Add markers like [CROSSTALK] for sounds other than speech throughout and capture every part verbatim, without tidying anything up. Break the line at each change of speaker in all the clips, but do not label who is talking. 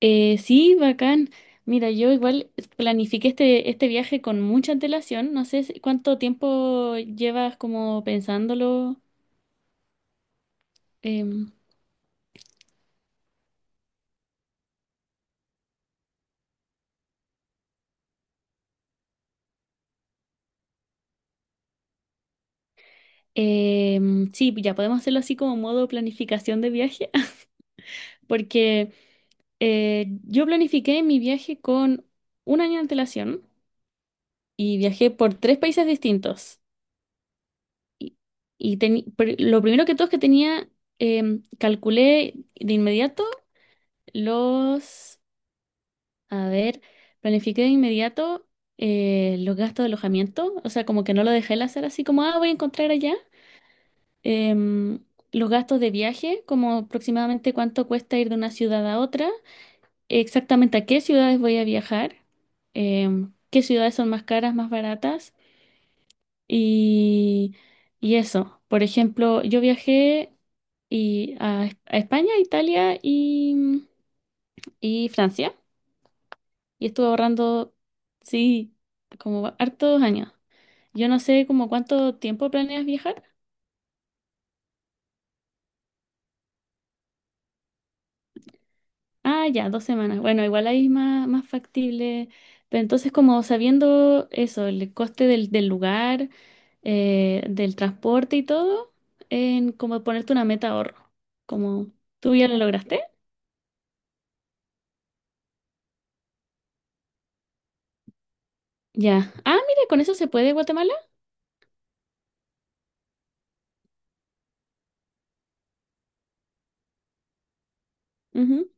Eh, sí, bacán. Mira, yo igual planifiqué este, este viaje con mucha antelación. No sé si- cuánto tiempo llevas como pensándolo. Em, em, sí, ya podemos hacerlo así como modo planificación de viaje, [LAUGHS] porque eh, yo planifiqué mi viaje con un año de antelación y viajé por tres países distintos. Y, y teni- pr- lo primero que todo es que tenía, em, calculé de inmediato los... A ver, planifiqué de inmediato eh, los gastos de alojamiento, o sea, como que no lo dejé el hacer así como, ah, voy a encontrar allá. Em, los gastos de viaje, como aproximadamente cuánto cuesta ir de una ciudad a otra, exactamente a qué ciudades voy a viajar, em, qué ciudades son más caras, más baratas y, y eso. Por ejemplo, yo viajé y a, a España, Italia y, y Francia. Y estuve ahorrando, sí, como hartos años. Yo no sé como cuánto tiempo planeas viajar. Ah, ya, dos semanas. Bueno, igual ahí es más, más factible. Pero entonces, como sabiendo eso, el coste del, del lugar, eh, del transporte y todo, en como ponerte una meta ahorro. Como tú ya lo lograste. Ya. Ah, mira, con eso se puede Guatemala. Ujú.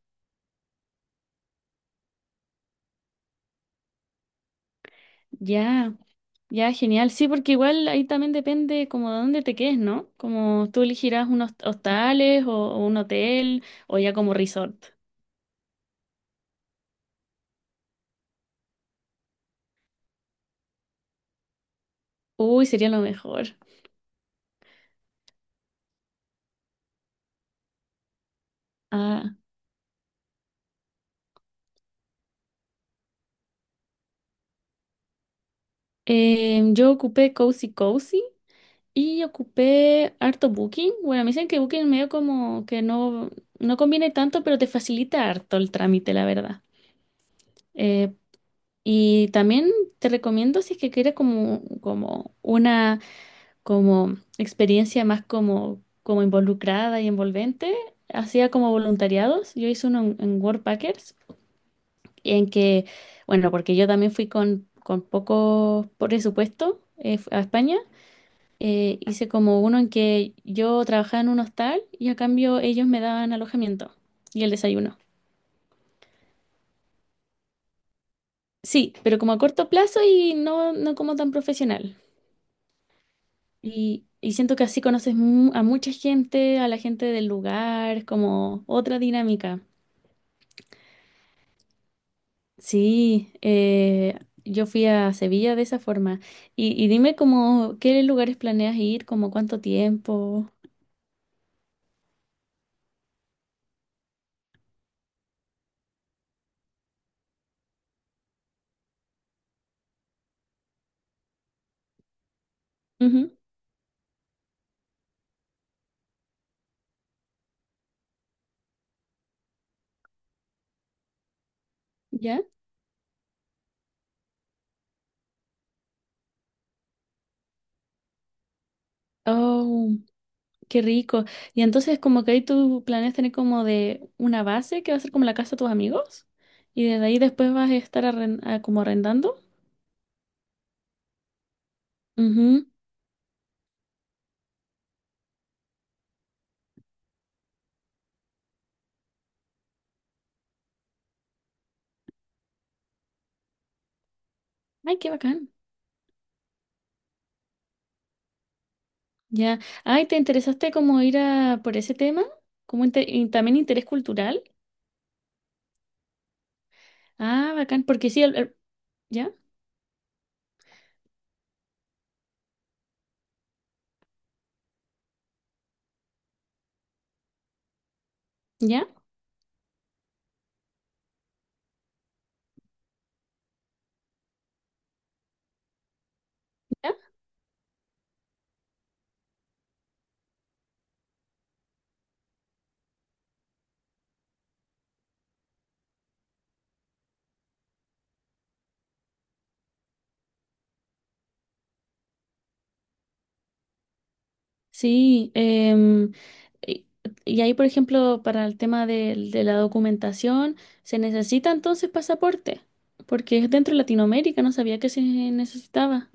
Ya. Ya, genial. Sí, porque igual ahí también depende como de dónde te quedes, ¿no? Como tú elegirás unos hostales o, o un hotel o ya como resort. Uy, sería lo mejor. Ah, eh, yo ocupé Cozy Cozy y ocupé harto Booking. Bueno, me dicen que Booking medio como que no, no conviene tanto, pero te facilita harto el trámite, la verdad. Eh, y también te recomiendo si es que quieres como, como una como experiencia más como, como involucrada y envolvente, hacía como voluntariados. Yo hice uno en, en Worldpackers, en que, bueno, porque yo también fui con, con poco presupuesto eh, a España. eh, hice como uno en que yo trabajaba en un hostal y a cambio ellos me daban alojamiento y el desayuno. Sí, pero como a corto plazo y no, no como tan profesional. Y, y siento que así conoces mu- a mucha gente, a la gente del lugar, como otra dinámica. Sí, eh, yo fui a Sevilla de esa forma. Y, y dime como, ¿qué lugares planeas ir? ¿Como cuánto tiempo? Ujú. ¿Ya? Oh, qué rico. Y entonces como que ahí tú planeas tener como de una base que va a ser como la casa de tus amigos. Y desde ahí después vas a estar arren- ah, como arrendando. Ujú. Ay, qué bacán. Ya. Ay, ¿te interesaste como ir a por ese tema? Como inte- y también interés cultural. Ah, bacán, porque sí, el- el- ya, ya, ya. Sí, em, y, y ahí, por ejemplo, para el tema del- de, la documentación, se necesita entonces pasaporte, porque es dentro de Latinoamérica, no sabía que se necesitaba.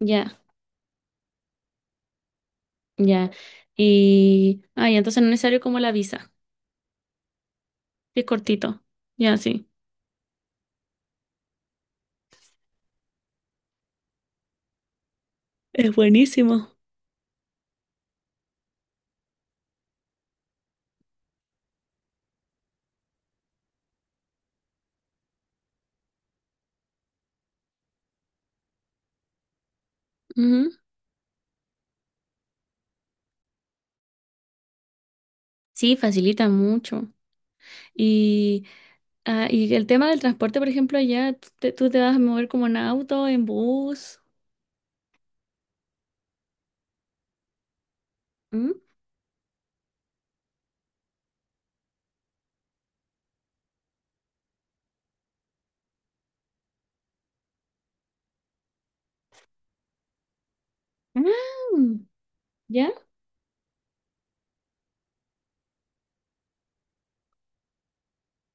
Ya, ya. Y, ay, entonces no es necesario como la visa, que es cortito. Ya, sí. Es buenísimo. Ujú. Sí, facilita mucho. Y Ah, y el tema del transporte, por ejemplo, allá tú te, tú te vas a mover como en auto, en bus, ¿Mm? Mm, ¿ya?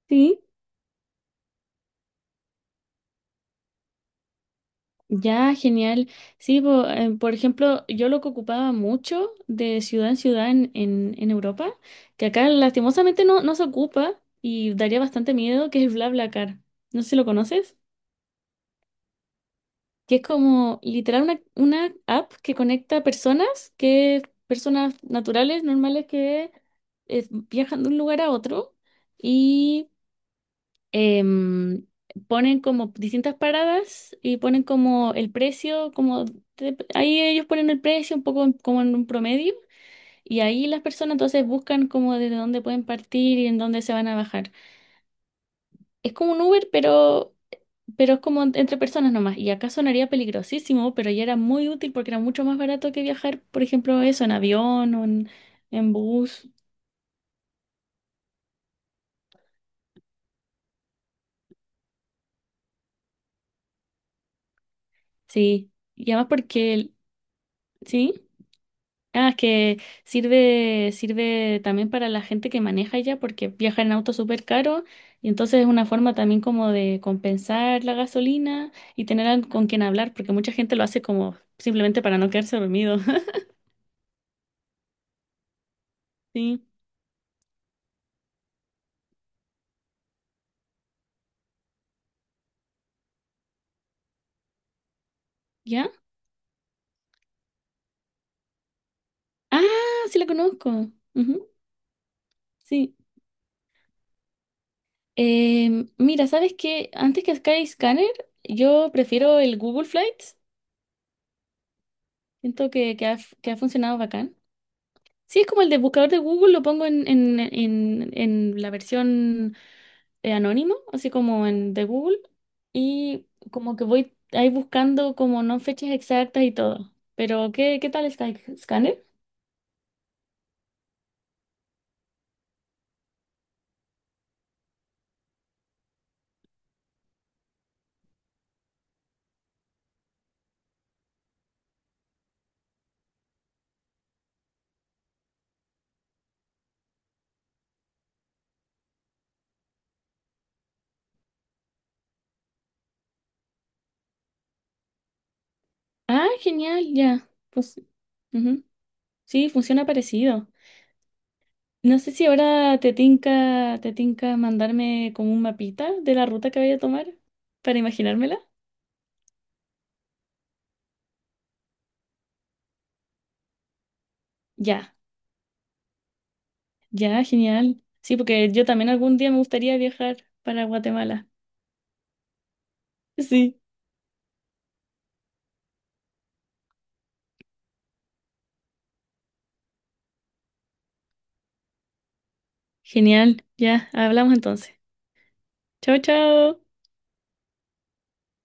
Sí. Ya, genial. Sí, po- eh, por ejemplo, yo lo que ocupaba mucho de ciudad en ciudad en, en, en Europa, que acá lastimosamente no, no se ocupa y daría bastante miedo, que es BlaBlaCar. No sé si lo conoces. Que es como literal una, una app que conecta personas, que personas naturales, normales, que eh, viajan de un lugar a otro y em, ponen como distintas paradas y ponen como el precio, como de- ahí ellos ponen el precio un poco en- como en un promedio y ahí las personas entonces buscan como desde dónde pueden partir y en dónde se van a bajar. Es como un Uber, pero, pero es como en- entre personas nomás. Y acá sonaría peligrosísimo, pero ya era muy útil porque era mucho más barato que viajar, por ejemplo, eso, en avión o en, en bus. Sí. Y además porque, el- ¿sí? Ah, es que sirve, sirve también para la gente que maneja ya, porque viaja en auto súper caro. Y entonces es una forma también como de compensar la gasolina y tener al- con quien hablar, porque mucha gente lo hace como simplemente para no quedarse dormido. [LAUGHS] Sí. ¿Ya? Ah, sí la conozco. Ujú, sí. Eh, mira, ¿sabes qué? Antes que Skyscanner, yo prefiero el Google Flights. Siento que, que ha, f- que ha funcionado bacán. Sí, es como el de buscador de Google, lo pongo en, en, en, en la versión eh, anónimo, así como en de Google. Y como que voy ahí buscando como no fechas exactas y todo. Pero, ¿qué, qué tal Skyscanner? Ah, genial, ya. Pues, ujú. Sí, funciona parecido. No sé si ahora te tinca, te tinca mandarme como un mapita de la ruta que vaya a tomar para imaginármela. Ya, ya, genial. Sí, porque yo también algún día me gustaría viajar para Guatemala. Sí, genial. Ya, hablamos entonces. Chao, chao.